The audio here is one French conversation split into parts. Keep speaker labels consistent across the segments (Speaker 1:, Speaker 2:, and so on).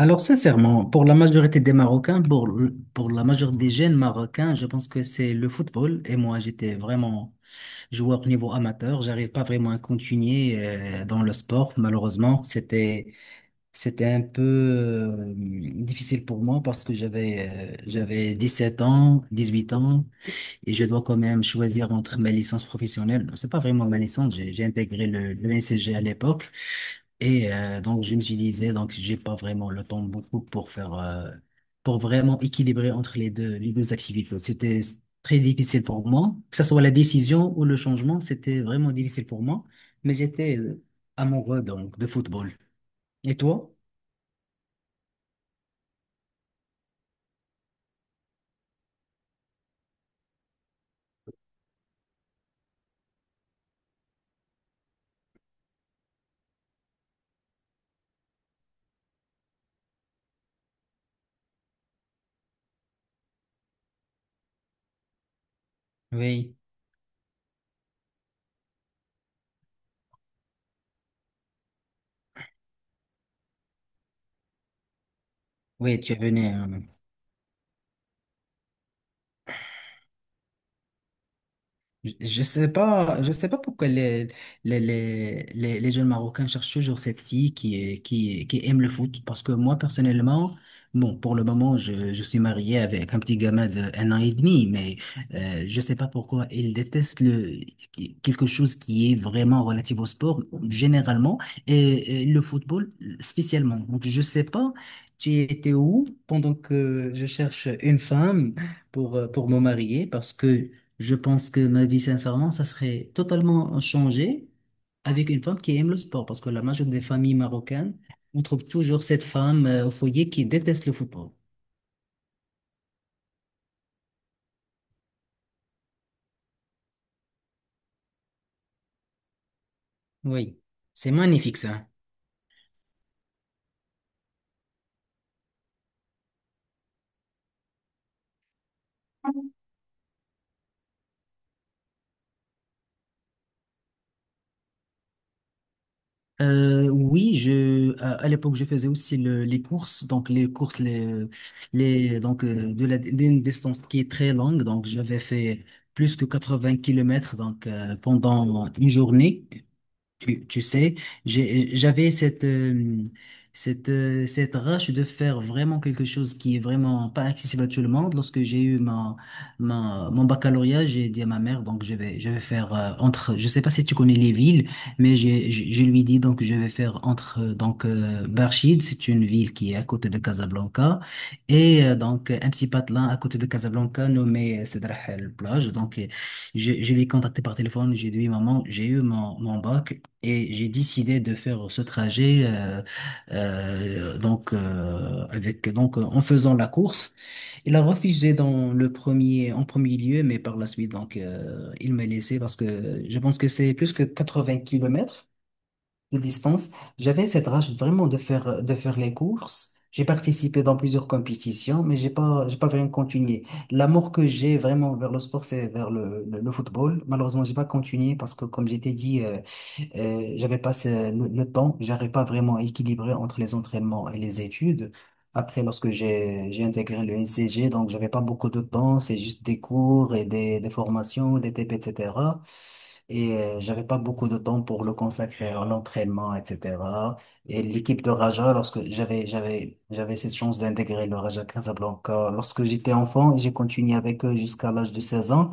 Speaker 1: Alors, sincèrement, pour la majorité des Marocains, pour la majorité des jeunes Marocains, je pense que c'est le football. Et moi, j'étais vraiment joueur au niveau amateur. J'arrive pas vraiment à continuer dans le sport, malheureusement. C'était un peu difficile pour moi parce que j'avais 7 ans, 18 ans, et je dois quand même choisir entre ma licence professionnelle. C'est pas vraiment ma licence, j'ai intégré le NCG à l'époque. Et donc, je me suis disais, donc, j'ai pas vraiment le temps beaucoup pour pour vraiment équilibrer entre les deux activités. C'était très difficile pour moi, que ce soit la décision ou le changement, c'était vraiment difficile pour moi, mais j'étais amoureux, donc, de football. Et toi? Oui, oui, tu es venu. Je sais pas, je sais pas pourquoi les jeunes Marocains cherchent toujours cette fille qui aime le foot. Parce que moi, personnellement, bon, pour le moment, je suis marié avec un petit gamin de 1 an et demi, mais je sais pas pourquoi il déteste quelque chose qui est vraiment relatif au sport, généralement, et le football spécialement. Donc, je sais pas, tu étais où pendant que je cherche une femme pour me marier parce que je pense que ma vie, sincèrement, ça serait totalement changé avec une femme qui aime le sport, parce que la majorité des familles marocaines, on trouve toujours cette femme au foyer qui déteste le football. Oui, c'est magnifique ça. Oui, à l'époque, je faisais aussi les courses, donc les courses, les, donc d'une distance qui est très longue, donc j'avais fait plus que 80 kilomètres pendant une journée. Tu sais, j'avais cette rage de faire vraiment quelque chose qui est vraiment pas accessible à tout le monde. Lorsque j'ai eu mon baccalauréat, j'ai dit à ma mère, donc je vais faire entre, je sais pas si tu connais les villes, mais je lui dis donc je vais faire entre Barchid, c'est une ville qui est à côté de Casablanca, et un petit patelin à côté de Casablanca nommé Sedrah el Plage. Donc, je l'ai contacté par téléphone, j'ai dit, oui, maman, j'ai eu mon bac. Et j'ai décidé de faire ce trajet donc avec donc en faisant la course. Il a refusé dans le premier en premier lieu, mais par la suite il m'a laissé parce que je pense que c'est plus que 80 kilomètres de distance. J'avais cette rage vraiment de faire les courses. J'ai participé dans plusieurs compétitions, mais j'ai pas vraiment continué. L'amour que j'ai vraiment vers le sport, c'est vers le football. Malheureusement, j'ai pas continué parce que, comme j'étais dit, j'avais pas le temps. J'arrivais pas vraiment à équilibrer entre les entraînements et les études. Après, lorsque j'ai intégré le NCG, donc j'avais pas beaucoup de temps, c'est juste des cours et des formations, des TP, etc. Et cetera. Et j'avais pas beaucoup de temps pour le consacrer à l'entraînement, etc. Et l'équipe de Raja, lorsque j'avais cette chance d'intégrer le Raja Casablanca, lorsque j'étais enfant, j'ai continué avec eux jusqu'à l'âge de 16 ans.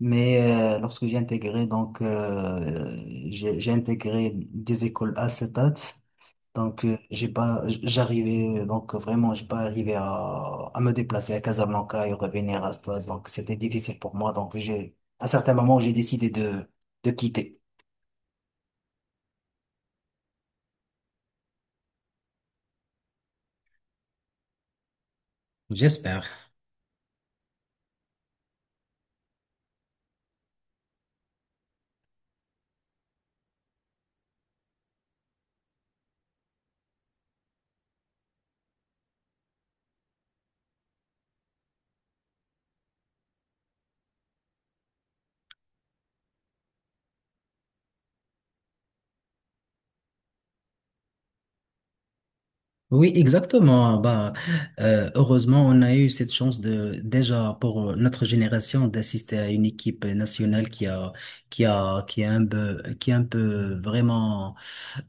Speaker 1: Mais lorsque j'ai intégré des écoles à Setat, j'ai pas arrivé à me déplacer à Casablanca et revenir à Stade. Donc, c'était difficile pour moi. Donc, à certains moments j'ai décidé de quitter. J'espère. Oui, exactement. Bah, heureusement, on a eu cette chance de déjà pour notre génération d'assister à une équipe nationale qui a un peu vraiment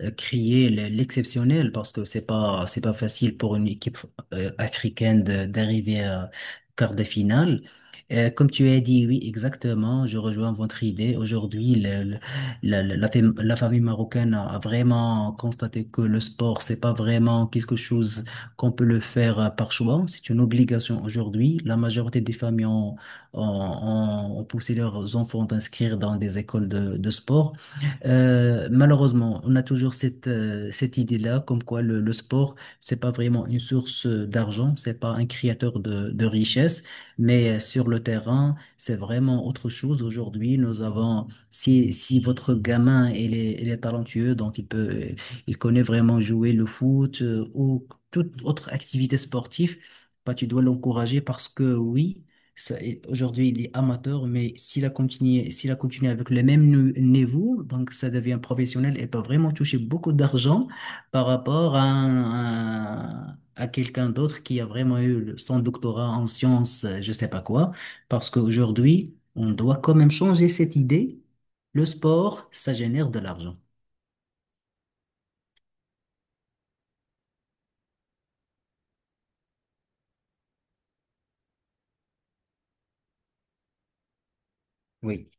Speaker 1: crié l'exceptionnel parce que c'est pas facile pour une équipe africaine d'arriver à quart de finale. Comme tu as dit, oui, exactement. Je rejoins votre idée. Aujourd'hui, la famille marocaine a vraiment constaté que le sport, c'est pas vraiment quelque chose qu'on peut le faire par choix. C'est une obligation aujourd'hui. La majorité des familles ont poussé leurs enfants d'inscrire dans des écoles de sport. Malheureusement, on a toujours cette idée-là, comme quoi le sport, c'est pas vraiment une source d'argent, c'est pas un créateur de richesse, mais sur le terrain, c'est vraiment autre chose. Aujourd'hui, nous avons si votre gamin il est talentueux, donc il connaît vraiment jouer le foot ou toute autre activité sportive, bah, tu dois l'encourager parce que oui, ça- aujourd'hui il est amateur, mais s'il a continué avec le même niveau, donc ça devient professionnel et peut vraiment toucher beaucoup d'argent par rapport à quelqu'un d'autre qui a vraiment eu son doctorat en sciences, je sais pas quoi, parce qu'aujourd'hui, on doit quand même changer cette idée le sport, ça génère de l'argent. Oui.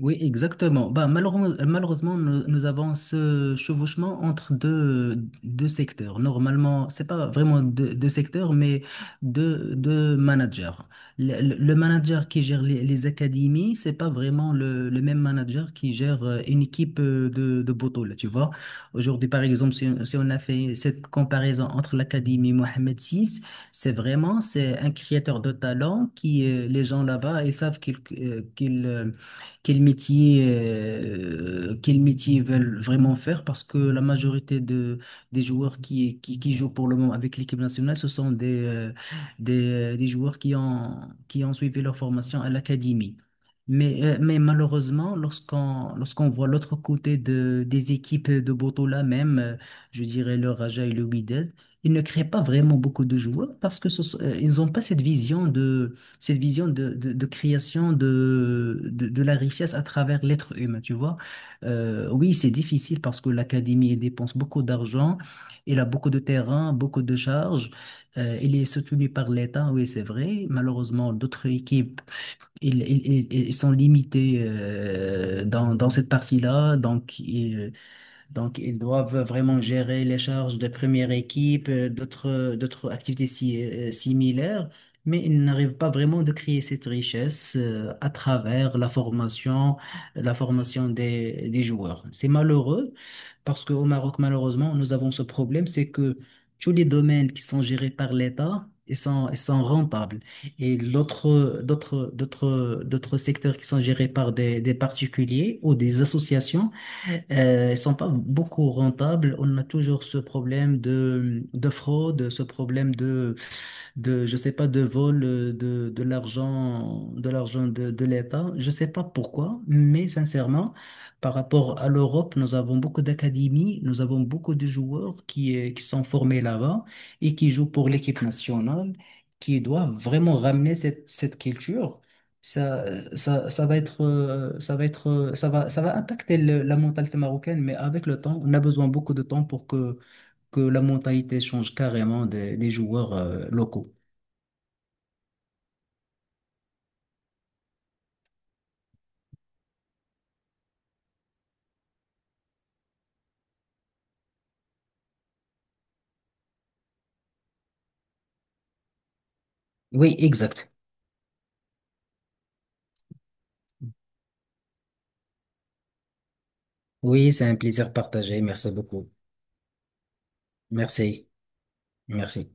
Speaker 1: Oui, exactement. Bah, malheureusement, malheureusement, nous avons ce chevauchement entre deux secteurs. Normalement, c'est pas vraiment deux secteurs, mais deux managers. Le manager qui gère les académies, c'est pas vraiment le même manager qui gère une équipe de Botola, tu vois. Aujourd'hui, par exemple, si on a fait cette comparaison entre l'académie Mohamed VI, c'est un créateur de talent les gens là-bas, ils savent qu'il quel métier ils veulent vraiment faire parce que la majorité des joueurs qui jouent pour le moment avec l'équipe nationale, ce sont des joueurs qui ont suivi leur formation à l'académie. Mais malheureusement, lorsqu'on voit l'autre côté des équipes de Botola même, je dirais le Raja et le Wydad, ils ne créent pas vraiment beaucoup de joueurs parce que ils n'ont pas cette vision de création de la richesse à travers l'être humain, tu vois. Oui, c'est difficile parce que l'académie, elle dépense beaucoup d'argent, elle a beaucoup de terrain, beaucoup de charges, elle est soutenue par l'État, oui, c'est vrai. Malheureusement, d'autres équipes, ils sont limités dans cette partie-là, donc, ils doivent vraiment gérer les charges de première équipe, d'autres activités similaires, mais ils n'arrivent pas vraiment de créer cette richesse à travers la formation des joueurs. C'est malheureux parce qu'au Maroc, malheureusement, nous avons ce problème, c'est que tous les domaines qui sont gérés par l'État, ils sont rentables. Et d'autres secteurs qui sont gérés par des particuliers ou des associations, mais ils sont pas beaucoup rentables. On a toujours ce problème de fraude, ce problème je sais pas, de vol de l'argent, de l'argent de l'État. Je sais pas pourquoi, mais sincèrement, par rapport à l'Europe, nous avons beaucoup d'académies, nous avons beaucoup de joueurs qui sont formés là-bas et qui jouent pour l'équipe nationale, qui doivent vraiment ramener cette culture. Ça, ça va être, ça va impacter la mentalité marocaine, mais avec le temps, on a besoin beaucoup de temps pour que la mentalité change carrément des joueurs, locaux. Oui, exact. Oui, c'est un plaisir partagé. Merci beaucoup. Merci. Merci.